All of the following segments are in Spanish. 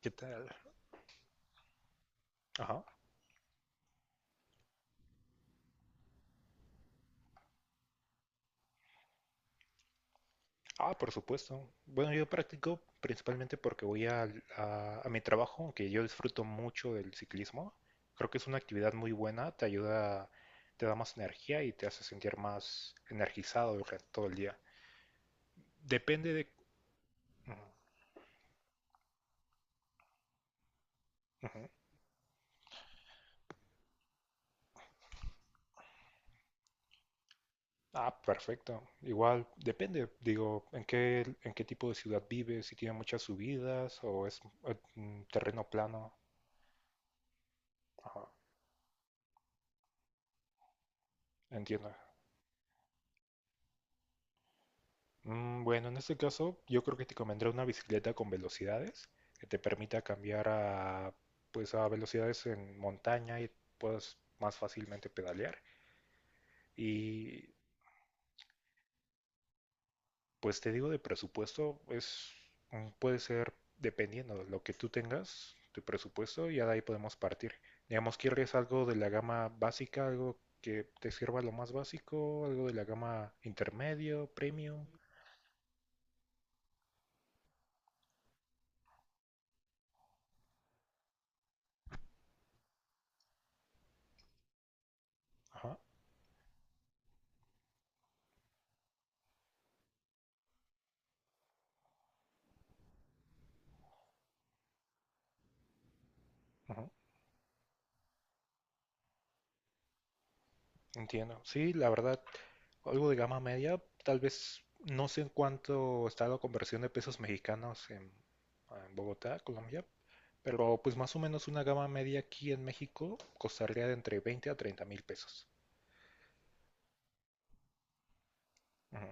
¿Qué tal? Ajá. Ah, por supuesto. Bueno, yo practico principalmente porque voy a mi trabajo, que yo disfruto mucho del ciclismo. Creo que es una actividad muy buena, te ayuda, te da más energía y te hace sentir más energizado durante todo el día. Depende de. Ujú, ujú. Ah, perfecto. Igual, depende, digo, en qué tipo de ciudad vives, si tiene muchas subidas o es terreno plano. Ajá, entiendo. Bueno, en este caso yo creo que te convendrá una bicicleta con velocidades que te permita cambiar a, pues, a velocidades en montaña y puedas más fácilmente pedalear. Y pues te digo de presupuesto, es, puede ser dependiendo de lo que tú tengas, tu presupuesto, y ya de ahí podemos partir. Digamos, ¿quieres algo de la gama básica, algo que te sirva lo más básico, algo de la gama intermedio, premium? Ajá, ajá. Entiendo. Sí, la verdad, algo de gama media, tal vez no sé en cuánto está la conversión de pesos mexicanos en Bogotá, Colombia, pero pues más o menos una gama media aquí en México costaría de entre 20 a 30 mil pesos. Ujú.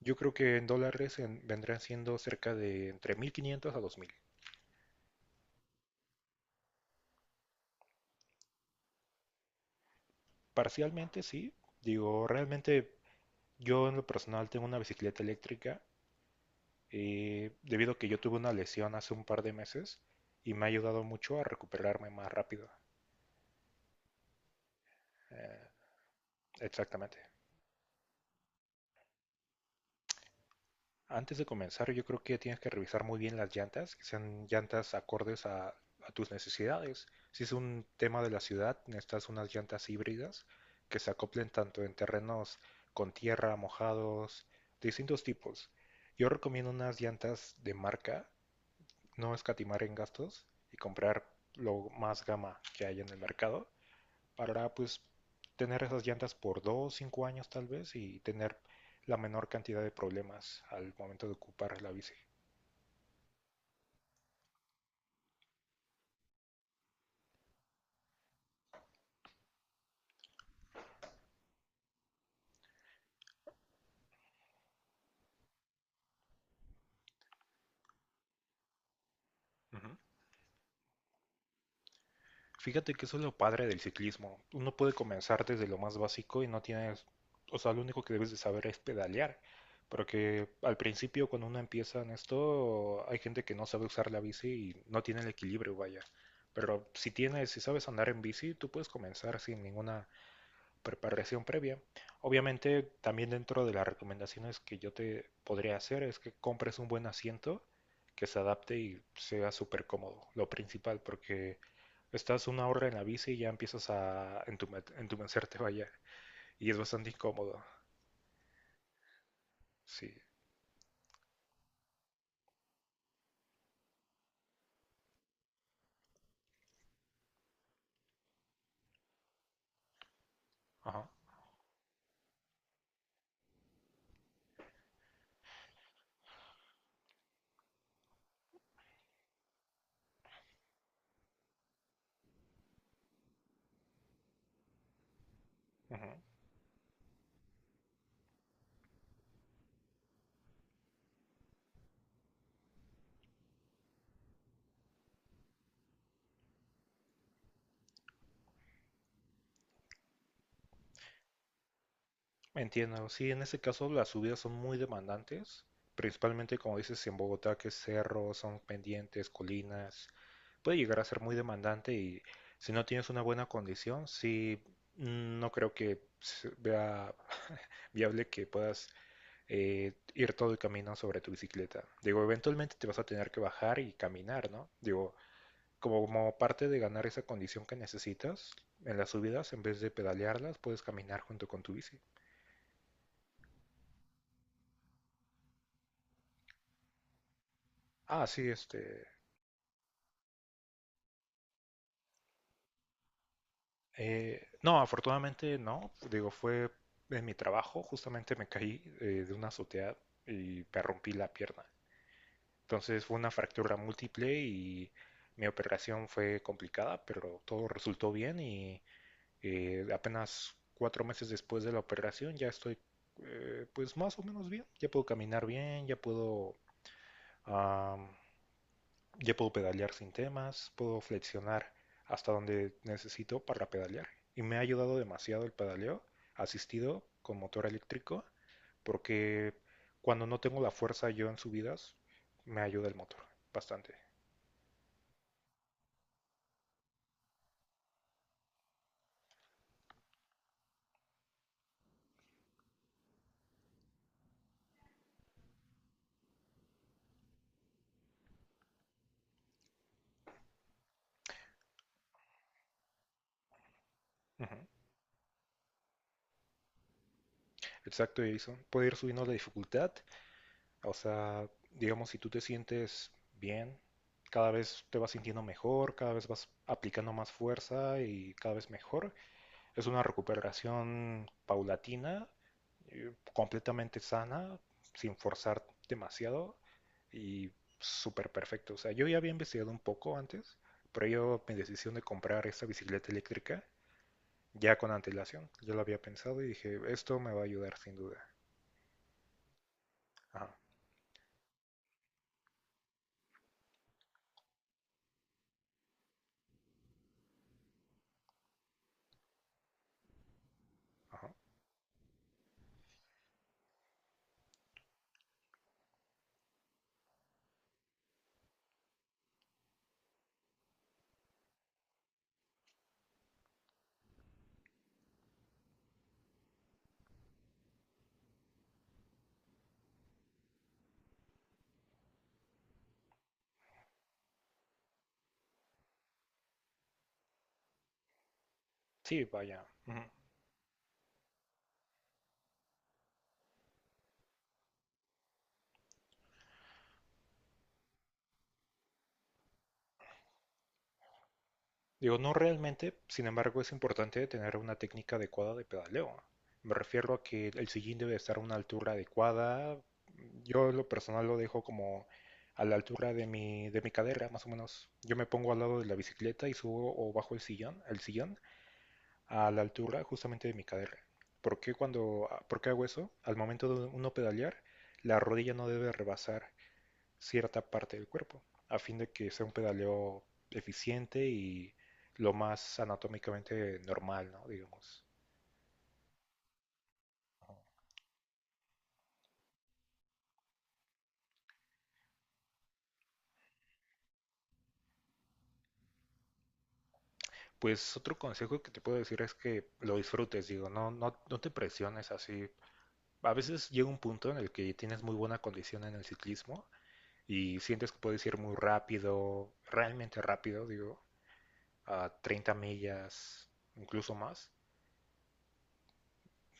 Yo creo que en dólares vendrían siendo cerca de entre 1.500 a 2.000. Parcialmente sí, digo, realmente yo en lo personal tengo una bicicleta eléctrica debido a que yo tuve una lesión hace un par de meses y me ha ayudado mucho a recuperarme más rápido. Eh, Exactamente. Antes de comenzar, yo creo que tienes que revisar muy bien las llantas, que sean llantas acordes a tus necesidades. Si es un tema de la ciudad, necesitas unas llantas híbridas que se acoplen tanto en terrenos con tierra, mojados, distintos tipos. Yo recomiendo unas llantas de marca, no escatimar en gastos y comprar lo más gama que hay en el mercado, para pues tener esas llantas por dos, cinco años tal vez y tener la menor cantidad de problemas al momento de ocupar la bici. Ujú. Fíjate que eso es lo padre del ciclismo. Uno puede comenzar desde lo más básico y no tienes, o sea, lo único que debes de saber es pedalear. Porque al principio cuando uno empieza en esto, hay gente que no sabe usar la bici y no tiene el equilibrio, vaya. Pero si tienes, si sabes andar en bici, tú puedes comenzar sin ninguna preparación previa. Obviamente, también dentro de las recomendaciones que yo te podría hacer es que compres un buen asiento que se adapte y sea súper cómodo, lo principal, porque estás una hora en la bici y ya empiezas a entumecerte, vaya, y es bastante incómodo. Sí, ajá, ujú. Entiendo, sí, en ese caso las subidas son muy demandantes, principalmente como dices si en Bogotá, que es cerro, son pendientes, colinas, puede llegar a ser muy demandante y si no tienes una buena condición, sí, no creo que se vea viable que puedas ir todo el camino sobre tu bicicleta. Digo, eventualmente te vas a tener que bajar y caminar, ¿no? Digo, como parte de ganar esa condición que necesitas en las subidas, en vez de pedalearlas, puedes caminar junto con tu bici. Ah, sí, este. No, afortunadamente no. Digo, fue en mi trabajo, justamente me caí de una azotea y me rompí la pierna. Entonces fue una fractura múltiple y mi operación fue complicada, pero todo resultó bien y apenas 4 meses después de la operación ya estoy pues más o menos bien. Ya puedo caminar bien, ya puedo pedalear sin temas, puedo flexionar hasta donde necesito para pedalear. Y me ha ayudado demasiado el pedaleo asistido con motor eléctrico, porque cuando no tengo la fuerza yo en subidas, me ayuda el motor bastante. Ujú. Exacto, Jason. Puede ir subiendo la dificultad. O sea, digamos, si tú te sientes bien, cada vez te vas sintiendo mejor, cada vez vas aplicando más fuerza y cada vez mejor. Es una recuperación paulatina, completamente sana, sin forzar demasiado y súper perfecto. O sea, yo ya había investigado un poco antes, pero yo mi decisión de comprar esta bicicleta eléctrica ya con antelación, yo lo había pensado y dije, esto me va a ayudar sin duda. Ajá, ajá. Sí, vaya. Ujú. Digo, no realmente, sin embargo, es importante tener una técnica adecuada de pedaleo. Me refiero a que el sillín debe estar a una altura adecuada. Yo en lo personal lo dejo como a la altura de mi cadera, más o menos. Yo me pongo al lado de la bicicleta y subo o bajo el sillón a la altura justamente de mi cadera. ¿Por qué hago eso? Al momento de uno pedalear, la rodilla no debe rebasar cierta parte del cuerpo, a fin de que sea un pedaleo eficiente y lo más anatómicamente normal, ¿no? Digamos. Pues otro consejo que te puedo decir es que lo disfrutes, digo, no, no, no te presiones así. A veces llega un punto en el que tienes muy buena condición en el ciclismo y sientes que puedes ir muy rápido, realmente rápido, digo, a 30 millas, incluso más.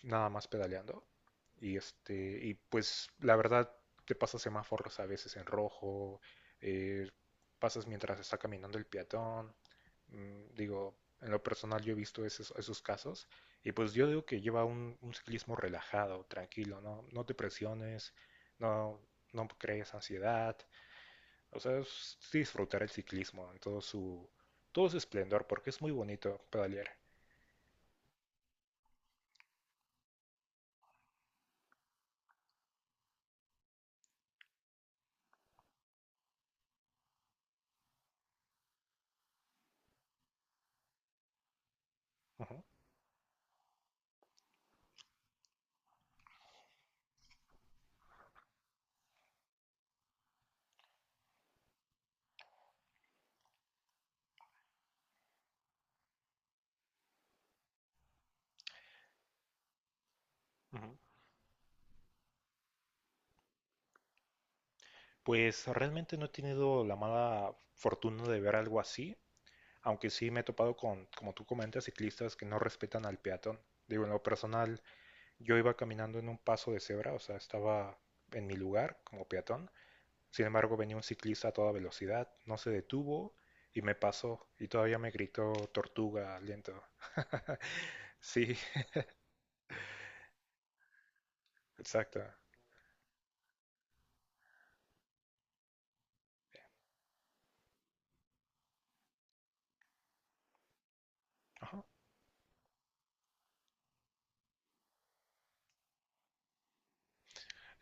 nada más pedaleando. Y este, y pues la verdad te pasas semáforos a veces en rojo, eh, pasas mientras está caminando el peatón. Digo, en lo personal yo he visto esos casos. Y pues yo digo que lleva un ciclismo relajado, tranquilo, ¿no? No te presiones, no, no crees ansiedad. O sea, es sí disfrutar el ciclismo en todo su esplendor, porque es muy bonito pedalear. Ujú. Ujú. Pues realmente no he tenido la mala fortuna de ver algo así, aunque sí me he topado con, como tú comentas, ciclistas que no respetan al peatón. Digo, en lo personal, yo iba caminando en un paso de cebra, o sea, estaba en mi lugar como peatón. Sin embargo, venía un ciclista a toda velocidad, no se detuvo y me pasó y todavía me gritó tortuga, lento. Sí, exacto. Ajá.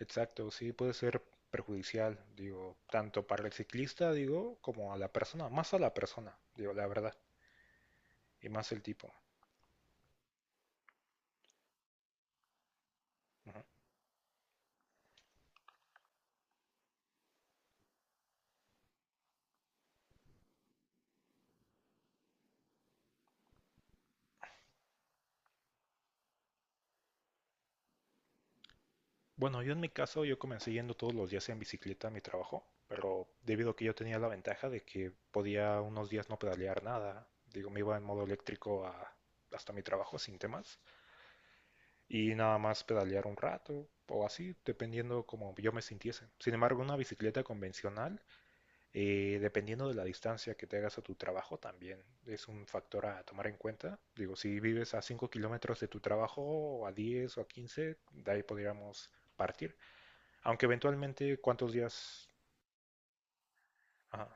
Exacto, sí puede ser perjudicial, digo, tanto para el ciclista, digo, como a la persona, más a la persona, digo, la verdad, y más el tipo. Ujú. Bueno, yo en mi caso, yo comencé yendo todos los días en bicicleta a mi trabajo, pero debido a que yo tenía la ventaja de que podía unos días no pedalear nada, digo, me iba en modo eléctrico hasta mi trabajo sin temas, y nada más pedalear un rato o así, dependiendo como yo me sintiese. Sin embargo, una bicicleta convencional. Dependiendo de la distancia que te hagas a tu trabajo, también es un factor a tomar en cuenta. Digo, si vives a 5 kilómetros de tu trabajo, o a 10 o a 15, de ahí podríamos partir. Aunque eventualmente, ¿cuántos días? Ajá.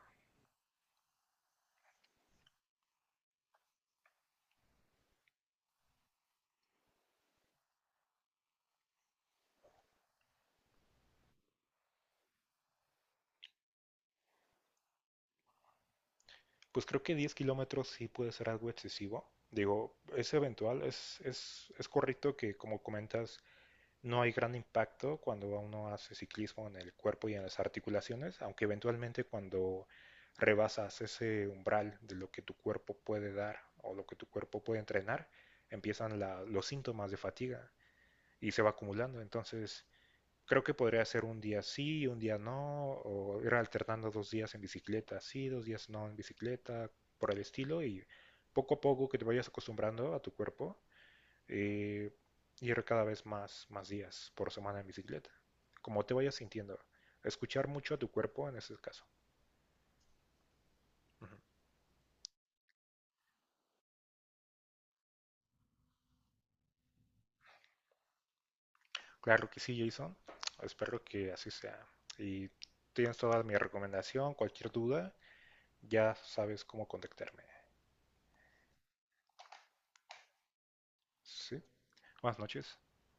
Pues creo que 10 kilómetros sí puede ser algo excesivo. Digo, es eventual, es correcto que como comentas, no hay gran impacto cuando uno hace ciclismo en el cuerpo y en las articulaciones, aunque eventualmente cuando rebasas ese umbral de lo que tu cuerpo puede dar o lo que tu cuerpo puede entrenar, empiezan los síntomas de fatiga y se va acumulando. Entonces, creo que podría ser un día sí, un día no, o ir alternando dos días en bicicleta sí, dos días no en bicicleta, por el estilo, y poco a poco que te vayas acostumbrando a tu cuerpo eh, ir cada vez más, más días por semana en bicicleta, como te vayas sintiendo. Escuchar mucho a tu cuerpo en ese caso. Ujú. Claro que sí, Jason. Espero que así sea. Y tienes toda mi recomendación, cualquier duda, ya sabes cómo contactarme. ¿Sí? Buenas noches.